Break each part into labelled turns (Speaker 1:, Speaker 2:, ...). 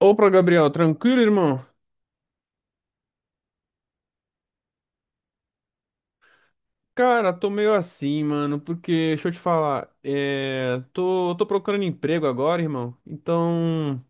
Speaker 1: Opa, Gabriel, tranquilo, irmão? Cara, tô meio assim, mano, porque, deixa eu te falar, tô procurando emprego agora, irmão, então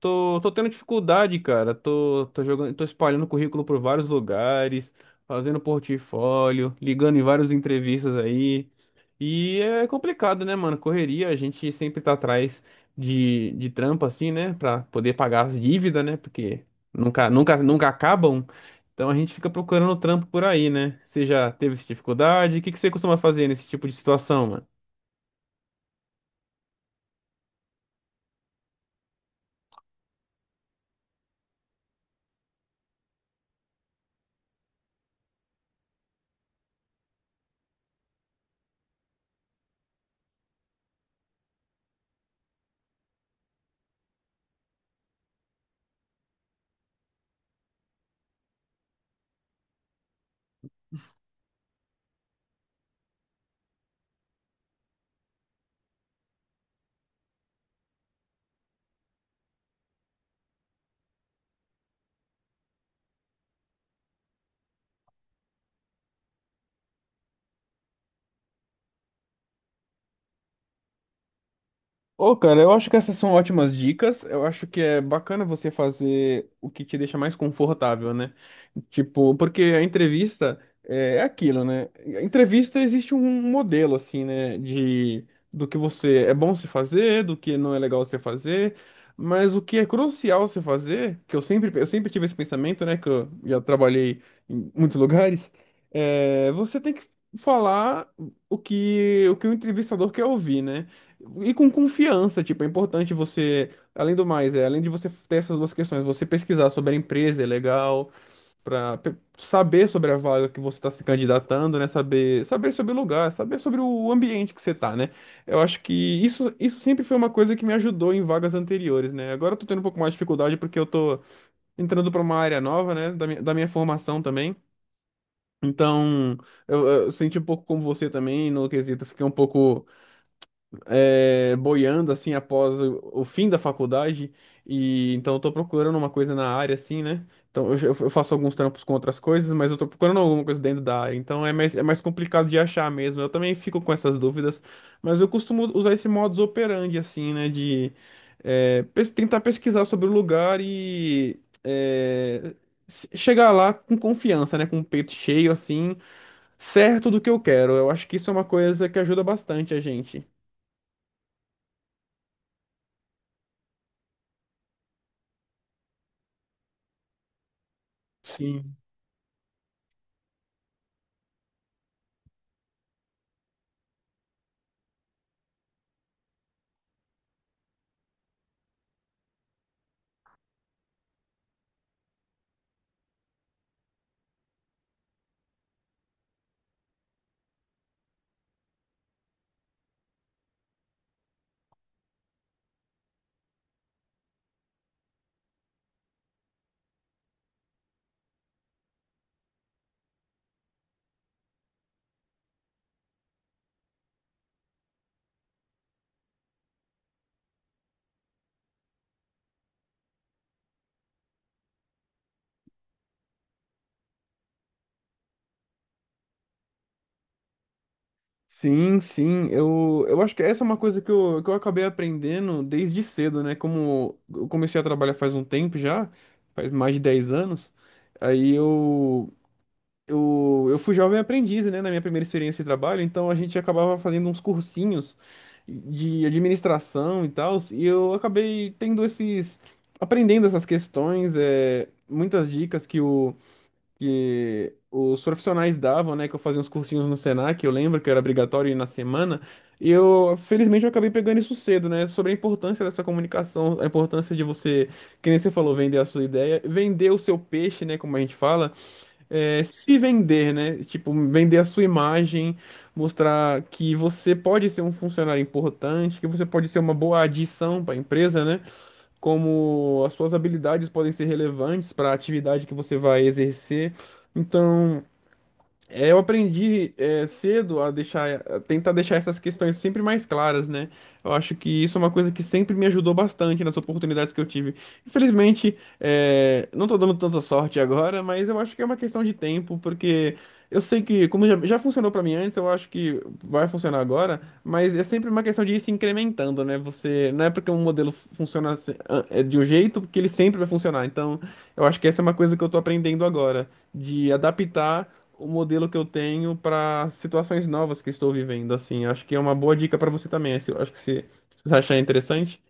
Speaker 1: tô tendo dificuldade, cara. Tô jogando, tô espalhando currículo por vários lugares, fazendo portfólio, ligando em várias entrevistas aí. E é complicado, né, mano? Correria, a gente sempre tá atrás de trampo, assim, né? Pra poder pagar as dívidas, né? Porque nunca, nunca, nunca acabam. Então a gente fica procurando trampo por aí, né? Você já teve essa dificuldade? O que que você costuma fazer nesse tipo de situação? Ô, cara, eu acho que essas são ótimas dicas. Eu acho que é bacana você fazer o que te deixa mais confortável, né? Tipo, porque a entrevista é aquilo, né? A entrevista existe um modelo, assim, né? De do que você é bom se fazer, do que não é legal se fazer. Mas o que é crucial se fazer, que eu sempre tive esse pensamento, né? Que eu já trabalhei em muitos lugares, você tem que falar o que o entrevistador quer ouvir, né? E com confiança. Tipo, é importante você, além do mais, além de você ter essas duas questões, você pesquisar sobre a empresa é legal, para saber sobre a vaga que você está se candidatando, né? Saber sobre o lugar, saber sobre o ambiente que você tá, né? Eu acho que isso sempre foi uma coisa que me ajudou em vagas anteriores, né? Agora eu tô tendo um pouco mais de dificuldade porque eu tô entrando para uma área nova, né? Da minha formação também. Então, eu senti um pouco como você também. No quesito, fiquei um pouco boiando assim após o fim da faculdade, e então eu tô procurando uma coisa na área assim, né? Então eu faço alguns trampos com outras coisas, mas eu tô procurando alguma coisa dentro da área, então é mais complicado de achar mesmo. Eu também fico com essas dúvidas, mas eu costumo usar esse modus operandi assim, né? De tentar pesquisar sobre o lugar e chegar lá com confiança, né? Com o peito cheio assim, certo do que eu quero. Eu acho que isso é uma coisa que ajuda bastante a gente. Sim. Sim, sim, eu acho que essa é uma coisa que eu acabei aprendendo desde cedo, né? Como eu comecei a trabalhar faz um tempo já, faz mais de 10 anos, aí eu fui jovem aprendiz, né? Na minha primeira experiência de trabalho, então a gente acabava fazendo uns cursinhos de administração e tal, e eu acabei aprendendo essas questões, muitas dicas que o que os profissionais davam, né? Que eu fazia uns cursinhos no Senac. Eu lembro que era obrigatório ir na semana. E eu, felizmente, eu acabei pegando isso cedo, né? Sobre a importância dessa comunicação, a importância de você, que nem você falou, vender a sua ideia, vender o seu peixe, né? Como a gente fala, se vender, né? Tipo, vender a sua imagem, mostrar que você pode ser um funcionário importante, que você pode ser uma boa adição para a empresa, né? Como as suas habilidades podem ser relevantes para a atividade que você vai exercer. Então, eu aprendi cedo a tentar deixar essas questões sempre mais claras, né? Eu acho que isso é uma coisa que sempre me ajudou bastante nas oportunidades que eu tive. Infelizmente, não tô dando tanta sorte agora, mas eu acho que é uma questão de tempo, porque eu sei que, como já funcionou para mim antes, eu acho que vai funcionar agora, mas é sempre uma questão de ir se incrementando, né? Você, não é porque um modelo funciona assim, ah, é de um jeito que ele sempre vai funcionar. Então, eu acho que essa é uma coisa que eu tô aprendendo agora, de adaptar o modelo que eu tenho para situações novas que estou vivendo, assim. Acho que é uma boa dica para você também, assim. Acho que se você achar interessante.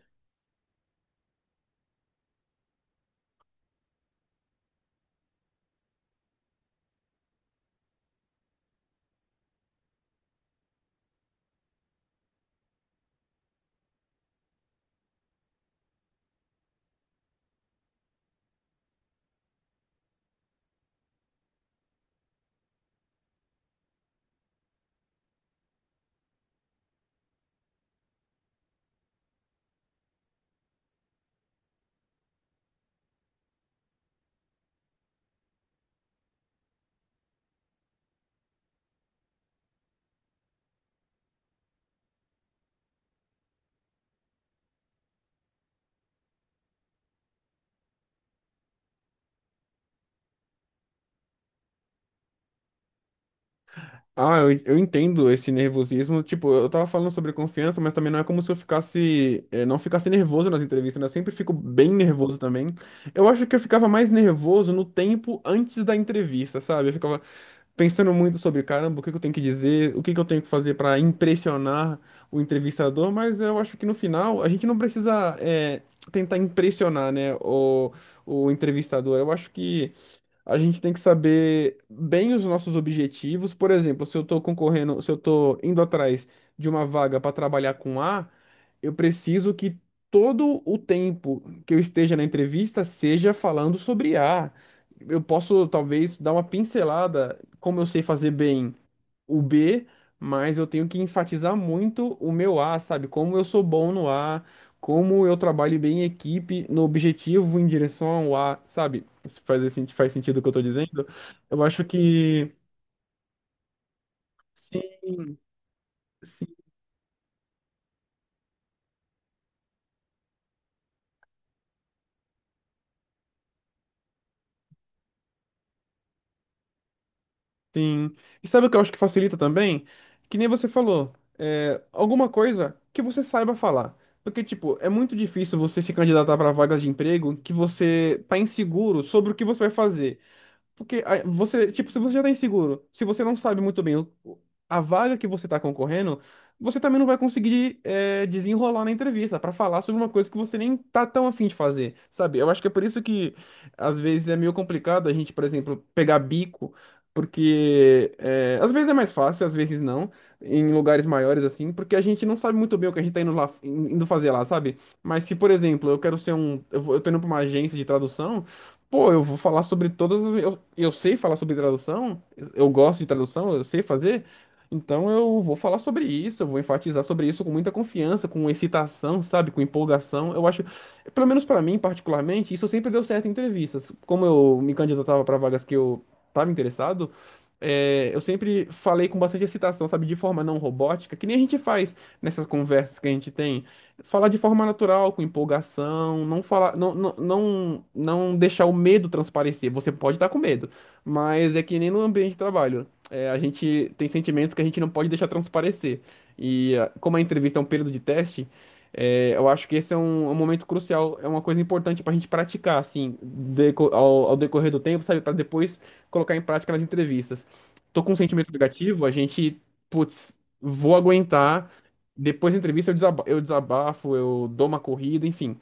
Speaker 1: Ah, eu entendo esse nervosismo. Tipo, eu tava falando sobre confiança, mas também não é como se eu não ficasse nervoso nas entrevistas, né? Eu sempre fico bem nervoso também. Eu acho que eu ficava mais nervoso no tempo antes da entrevista, sabe? Eu ficava pensando muito sobre, caramba, o que que eu tenho que dizer, o que que eu tenho que fazer para impressionar o entrevistador, mas eu acho que no final a gente não precisa tentar impressionar, né, o entrevistador. Eu acho que a gente tem que saber bem os nossos objetivos. Por exemplo, se eu estou concorrendo, se eu estou indo atrás de uma vaga para trabalhar com A, eu preciso que todo o tempo que eu esteja na entrevista seja falando sobre A. Eu posso, talvez, dar uma pincelada, como eu sei fazer bem o B, mas eu tenho que enfatizar muito o meu A, sabe? Como eu sou bom no A, como eu trabalho bem em equipe, no objetivo, em direção ao A, sabe? Se faz, esse- faz sentido o que eu tô dizendo? Eu acho que sim, sim, sim. E sabe o que eu acho que facilita também? Que nem você falou, alguma coisa que você saiba falar. Porque, tipo, é muito difícil você se candidatar para vagas de emprego que você tá inseguro sobre o que você vai fazer. Porque aí, você, tipo, se você já tá inseguro, se você não sabe muito bem a vaga que você tá concorrendo, você também não vai conseguir desenrolar na entrevista pra falar sobre uma coisa que você nem tá tão afim de fazer, sabe? Eu acho que é por isso que às vezes é meio complicado a gente, por exemplo, pegar bico, porque às vezes é mais fácil, às vezes não, em lugares maiores assim, porque a gente não sabe muito bem o que a gente tá indo lá, indo fazer lá, sabe? Mas se, por exemplo, eu quero ser um, eu vou- eu tô indo pra uma agência de tradução. Pô, eu vou falar sobre todas as... Eu sei falar sobre tradução, eu gosto de tradução, eu sei fazer, então eu vou falar sobre isso, eu vou enfatizar sobre isso com muita confiança, com excitação, sabe, com empolgação. Eu acho, pelo menos pra mim particularmente, isso sempre deu certo em entrevistas. Como eu me candidatava pra vagas que eu tava interessado, eu sempre falei com bastante excitação, sabe, de forma não robótica, que nem a gente faz nessas conversas que a gente tem, falar de forma natural, com empolgação, não falar, não, não, não, não deixar o medo transparecer. Você pode estar com medo, mas é que nem no ambiente de trabalho. A gente tem sentimentos que a gente não pode deixar transparecer. E ah, como a entrevista é um período de teste, eu acho que esse é um momento crucial, é uma coisa importante para a gente praticar, assim, ao decorrer do tempo, sabe? Para depois colocar em prática nas entrevistas. Tô com um sentimento negativo, a gente, putz, vou aguentar. Depois da entrevista eu desabafo, eu dou uma corrida, enfim.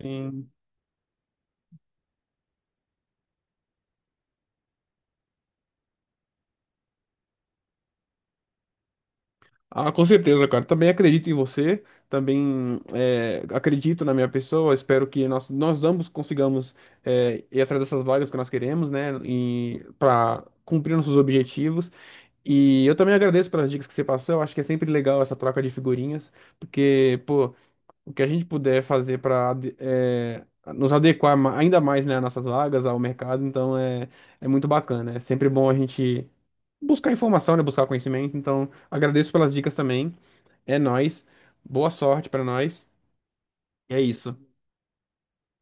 Speaker 1: Em- Ah, com certeza, cara. Também acredito em você, também acredito na minha pessoa. Espero que nós ambos consigamos ir atrás dessas vagas que nós queremos, né, e para cumprir nossos objetivos. E eu também agradeço pelas dicas que você passou. Eu acho que é sempre legal essa troca de figurinhas, porque, pô, o que a gente puder fazer para nos adequar ainda mais, né, às nossas vagas, ao mercado, então é muito bacana. É sempre bom a gente buscar informação, né, buscar conhecimento. Então, agradeço pelas dicas também. É nóis. Boa sorte para nós. E é isso.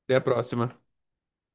Speaker 1: Até a próxima.